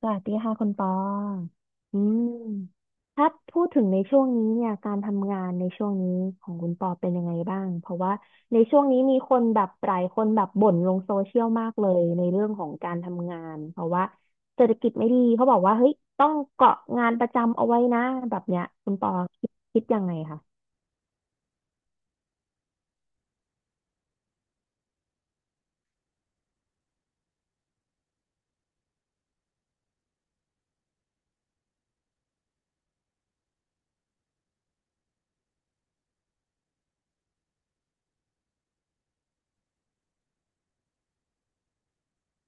สวัสดีค่ะคุณปออืมถ้าพูดถึงในช่วงนี้เนี่ยการทำงานในช่วงนี้ของคุณปอเป็นยังไงบ้างเพราะว่าในช่วงนี้มีคนแบบหลายคนแบบบ่นลงโซเชียลมากเลยในเรื่องของการทำงานเพราะว่าเศรษฐกิจไม่ดีเขาบอกว่าเฮ้ยต้องเกาะงานประจำเอาไว้นะแบบเนี้ยคุณปอคิดยังไงคะ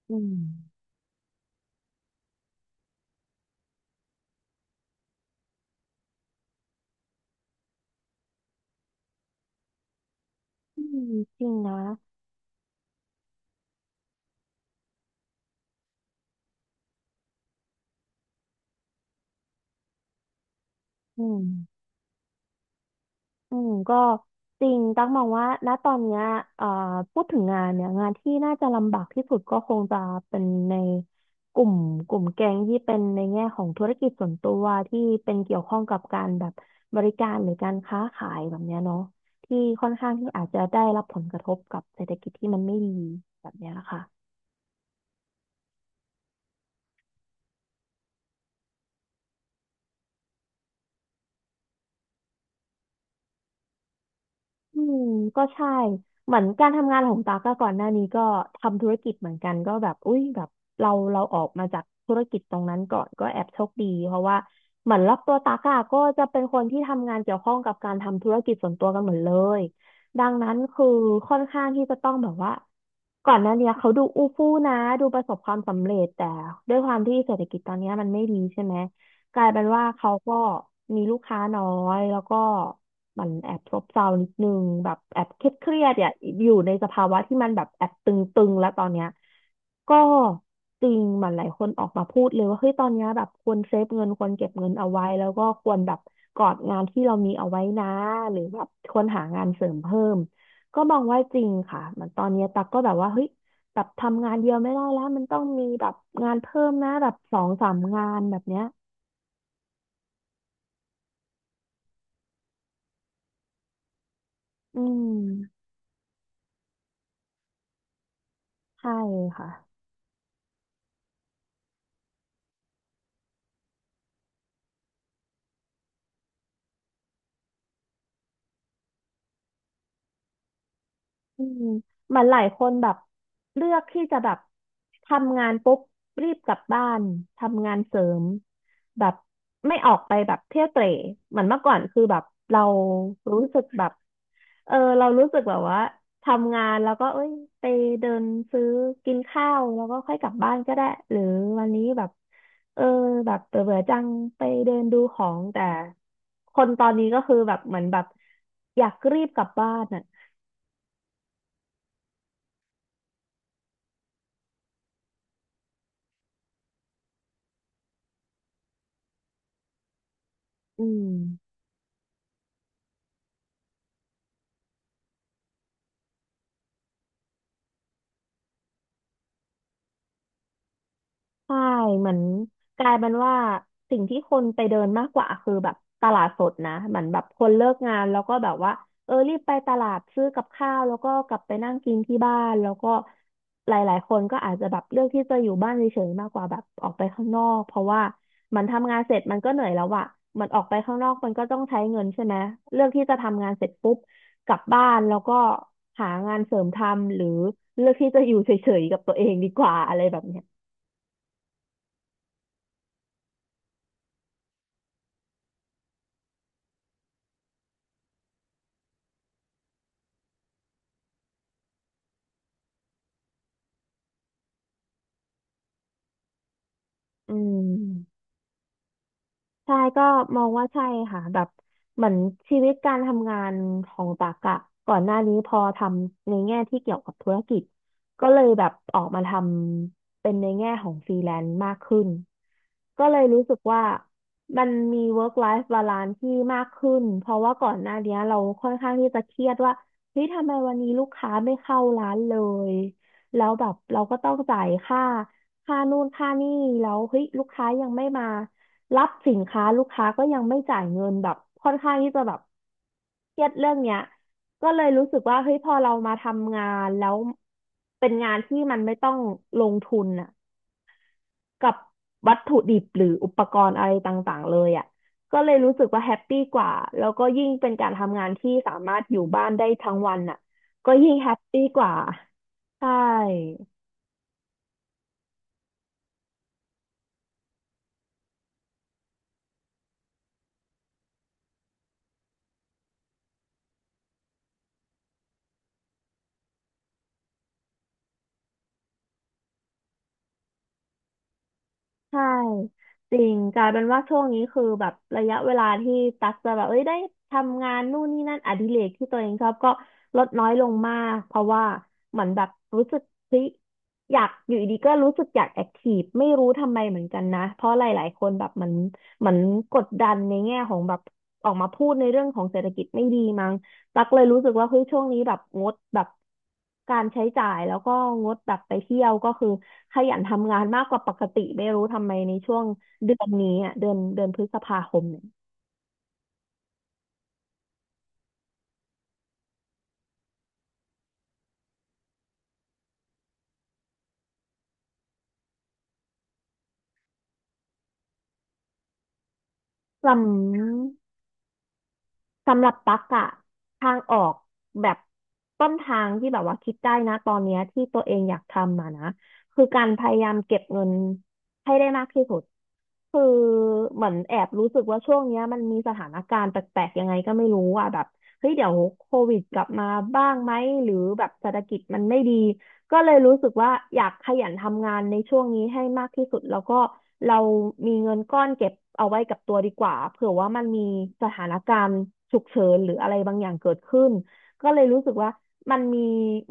อืมอืมจริงนะอืม อืมก็จริงตั๊กมองว่าณตอนเนี้ยเอ่อพูดถึงงานเนี่ยงานที่น่าจะลำบากที่สุดก็คงจะเป็นในกลุ่มกลุ่มแก๊งที่เป็นในแง่ของธุรกิจส่วนตัวที่เป็นเกี่ยวข้องกับการแบบบริการหรือการค้าขายแบบเนี้ยเนาะที่ค่อนข้างที่อาจจะได้รับผลกระทบกับเศรษฐกิจที่มันไม่ดีแบบเนี้ยค่ะ อืมก็ใช่เหมือนการทำงานของตากอะก่อนหน้านี้ก็ทำธุรกิจเหมือนกันก็แบบอุ้ยแบบเราออกมาจากธุรกิจตรงนั้นก่อนก็แอบโชคดีเพราะว่าเหมือนรอบตัวตากอะก็จะเป็นคนที่ทำงานเกี่ยวข้องกับการทำธุรกิจส่วนตัวกันหมดเลยดังนั้นคือค่อนข้างที่จะต้องแบบว่าก่อนหน้าเนี้ยเขาดูอู้ฟู่นะดูประสบความสำเร็จแต่ด้วยความที่เศรษฐกิจตอนเนี้ยมันไม่ดีใช่ไหม กลายเป็นว่าเขาก็มีลูกค้าน้อยแล้วก็มันแอบซบเซานิดนึงแบบแอบเครียดอ่ะอยู่ในสภาวะที่มันแบบแอบตึงๆแล้วตอนเนี้ยก็จริงมันหลายคนออกมาพูดเลยว่าเฮ้ยตอนเนี้ยแบบควรเซฟเงินควรเก็บเงินเอาไว้แล้วก็ควรแบบกอดงานที่เรามีเอาไว้นะหรือแบบควรหางานเสริมเพิ่มก็มองว่าจริงค่ะมันตอนเนี้ยตักก็แบบว่าเฮ้ยแบบทำงานเดียวไม่ได้แล้วมันต้องมีแบบงานเพิ่มนะแบบสองสามงานแบบเนี้ย อืมใช่ค่ะ อืมเหมันหลายคนแบบเลือกที่จะแบบทำงานปุ๊บรีบกลับบ้านทำงานเสริมแบบไม่ออกไปแบบเที่ยวเตร่เหมือนเมื่อก่อนคือแบบเรารู้สึกแบบเออเรารู้สึกแบบว่าทำงานแล้วก็เอ้ยไปเดินซื้อกินข้าวแล้วก็ค่อยกลับบ้านก็ได้หรือวันนี้แบบเออแบบเบื่อๆจังไปเดินดูของแต่คนตอนนี้ก็คือแบบเหมือนแบบอยากรีบกลับบ้านอ่ะอืม ใช่เหมือนกลายเป็นว่าสิ่งที่คนไปเดินมากกว่าคือแบบตลาดสดนะเหมือนแบบคนเลิกงานแล้วก็แบบว่าเออรีบไปตลาดซื้อกับข้าวแล้วก็กลับไปนั่งกินที่บ้านแล้วก็หลายๆคนก็อาจจะแบบเลือกที่จะอยู่บ้านเฉยๆมากกว่าแบบออกไปข้างนอกเพราะว่ามันทำงานเสร็จมันก็เหนื่อยแล้วอะมันออกไปข้างนอกมันก็ต้องใช้เงินใช่ไหมเลือกที่จะทำงานเสร็จปุ๊บกลับบ้านแล้วก็หางานเสริมทำหรือเลือกที่จะอยู่เฉยๆกับตัวเองดีกว่าอะไรแบบเนี้ย อืมใช่ก็มองว่าใช่ค่ะแบบเหมือนชีวิตการทำงานของตักอะก่อนหน้านี้พอทำในแง่ที่เกี่ยวกับธุรกิจก็เลยแบบออกมาทำเป็นในแง่ของฟรีแลนซ์มากขึ้นก็เลยรู้สึกว่ามันมี work life balance ที่มากขึ้นเพราะว่าก่อนหน้านี้เราค่อนข้างที่จะเครียดว่าเฮ้ยทำไมวันนี้ลูกค้าไม่เข้าร้านเลยแล้วแบบเราก็ต้องจ่ายค่าค่านู่นค่านี่แล้วเฮ้ยลูกค้ายังไม่มา รับสินค้าลูกค้าก็ยังไม่จ่ายเงินแบบค่อนข้างที่จะแบบเครียดเรื่องเนี้ยก็เลยรู้สึกว่าเฮ้ยพอเรามาทำงานแล้วเป็นงานที่มันไม่ต้องลงทุนน่ะกับวัตถุดิบหรืออุปกรณ์อะไรต่างๆเลยอ่ะก็เลยรู้สึกว่าแฮปปี้กว่าแล้วก็ยิ่งเป็นการทำงานที่สามารถอยู่บ้านได้ทั้งวันน่ะก็ยิ่งแฮปปี้กว่าใช่ ใช่จริงกลายเป็นว่าช่วงนี้คือแบบระยะเวลาที่ตักจะแบบเอ้ยได้ทำงานนู่นนี่นั่นอดิเรกที่ตัวเองชอบก็ลดน้อยลงมากเพราะว่าเหมือนแบบรู้สึกเฮ้ยอยากอยู่ดีๆก็รู้สึกอยากแอคทีฟไม่รู้ทำไมเหมือนกันนะเพราะหลายๆคนแบบเหมือนกดดันในแง่ของแบบออกมาพูดในเรื่องของเศรษฐกิจไม่ดีมั้ง ตักเลยรู้สึกว่าเฮ้ยช่วงนี้แบบงดแบบการใช้จ่ายแล้วก็งดแบบไปเที่ยวก็คือขยันทำงานมากกว่าปกติไม่รู้ทำไมในช่วงเดือนนี้อ่ะเดือนพฤษภาคมเนี่ยลำ สำหรับตั๊กอะทางออกแบบต้นทางที่แบบว่าคิดได้นะตอนเนี้ยที่ตัวเองอยากทำมานะคือการพยายามเก็บเงินให้ได้มากที่สุดคือเหมือนแอบรู้สึกว่าช่วงเนี้ยมันมีสถานการณ์แปลกๆยังไงก็ไม่รู้อ่ะแบบเฮ้ยเดี๋ยวโควิดกลับมาบ้างไหมหรือแบบเศรษฐกิจมันไม่ดี ก็เลยรู้สึกว่าอยากขยันทำงานในช่วงนี้ให้มากที่สุดแล้วก็เรามีเงินก้อนเก็บเอาไว้กับตัวดีกว่าเผื่อว่ามันมีสถานการณ์ฉุกเฉินหรืออะไรบางอย่างเกิดขึ้นก็เลยรู้สึกว่ามันมี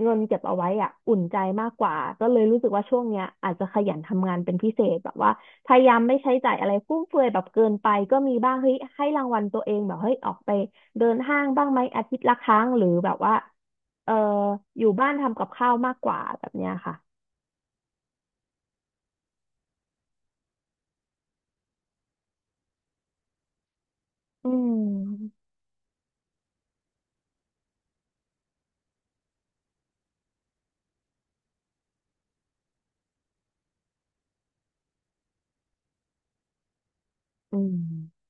เงินเก็บเอาไว้อะอุ่นใจมากกว่าก็เลยรู้สึกว่าช่วงเนี้ยอาจจะขยันทำงานเป็นพิเศษแบบว่าพยายามไม่ใช้จ่ายอะไรฟุ่มเฟือยแบบเกินไปก็มีบ้างเฮ้ยให้รางวัลตัวเองแบบเฮ้ยออกไปเดินห้างบ้างไหมอาทิตย์ละครั้งหรือแบบว่า เอ่ออยู่บ้านทำกับข้าวมากกว่าแบบเนี้ยค่ะอืมอืม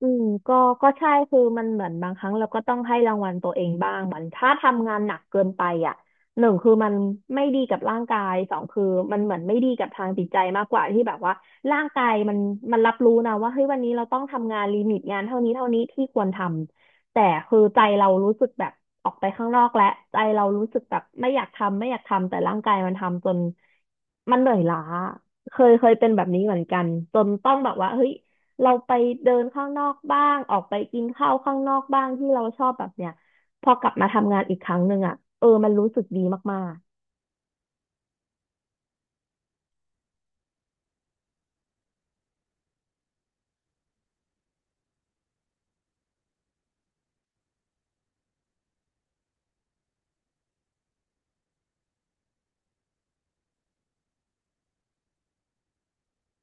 อืมก็ใช่คือมันเหมือนบางครั้งเราก็ต้องให้รางวัลตัวเองบ้างเหมือนถ้าทำงานหนักเกินไปอ่ะหนึ่งคือมันไม่ดีกับร่างกายสองคือมันเหมือนไม่ดีกับทางจิตใจมากกว่าที่แบบว่าร่างกายมันรับรู้นะว่าเฮ้ยวันนี้เราต้องทำงานลิมิตงานเท่านี้เท่านี้ที่ควรทำแต่คือใจเรารู้สึกแบบออกไปข้างนอกแล้วใจเรารู้สึกแบบไม่อยากทำไม่อยากทำแต่ร่างกายมันทำจนมันเหนื่อยล้าเคยเป็นแบบนี้เหมือนกันจนต้องแบบว่าเฮ้ย เราไปเดินข้างนอกบ้าง ออกไปกินข้าวข้างนอกบ้างที่เราชอบแบบเนี้ยพอกลับมาทำงานอีกครั้งหนึ่งอ่ะเออมันรู้สึกดีมากๆ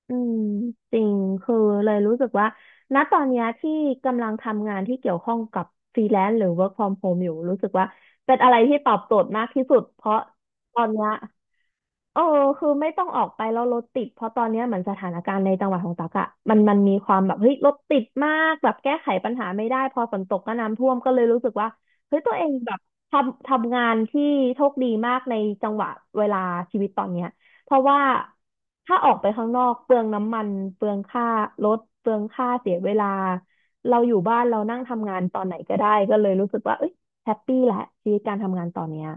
อืมจริงคือเลยรู้สึกว่าณตอนเนี้ยที่กำลังทำงานที่เกี่ยวข้องกับฟรีแลนซ์หรือ work from home อยู่รู้สึกว่าเป็นอะไรที่ตอบโจทย์มากที่สุดเพราะตอนเนี้ยเออคือไม่ต้องออกไปแล้วรถติดเพราะตอนเนี้ยเหมือนสถานการณ์ในจังหวัดของตักอะมันมีความแบบเฮ้ยรถติดมากแบบแก้ไขปัญหาไม่ได้พอฝนตกก็น้ำท่วมก็เลยรู้สึกว่าเฮ้ยตัวเองแบบทำงานที่โชคดีมากในจังหวะเวลาชีวิตตอนเนี้ย เพราะว่าถ้าออกไปข้างนอกเปลืองน้ำมันเปลืองค่ารถเปลืองค่าเสียเวลาเราอยู่บ้านเรานั่งทำงานตอนไหนก็ได้ก็เลยรู้สึกว่าเอ้ยแฮปปี้แหละชีวิตการทำงานตอนเนี้ย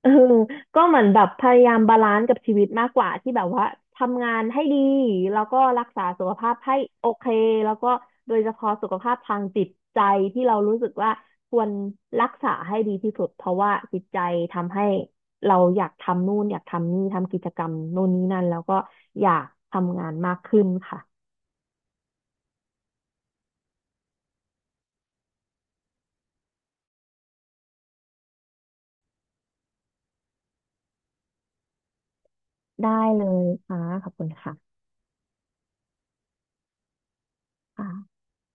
เออก็เหมือนแบบพยายามบาลานซ์กับชีวิตมากกว่าที่แบบว่าทำงานให้ดีแล้วก็รักษาสุขภาพให้โอเคแล้วก็โดยเฉพาะสุขภาพทางจิตใจที่เรารู้สึกว่าควรรักษาให้ดีที่สุดเพราะว่าจิตใจทำให้เราอยากทำนู่นอยากทำนี่ทำกิจกรรมนู่นนี่นั่นแล้วก็อยากทำงานมากขึ้นค่ะได้เลยค่ะขอบคุณค่ะค่ะ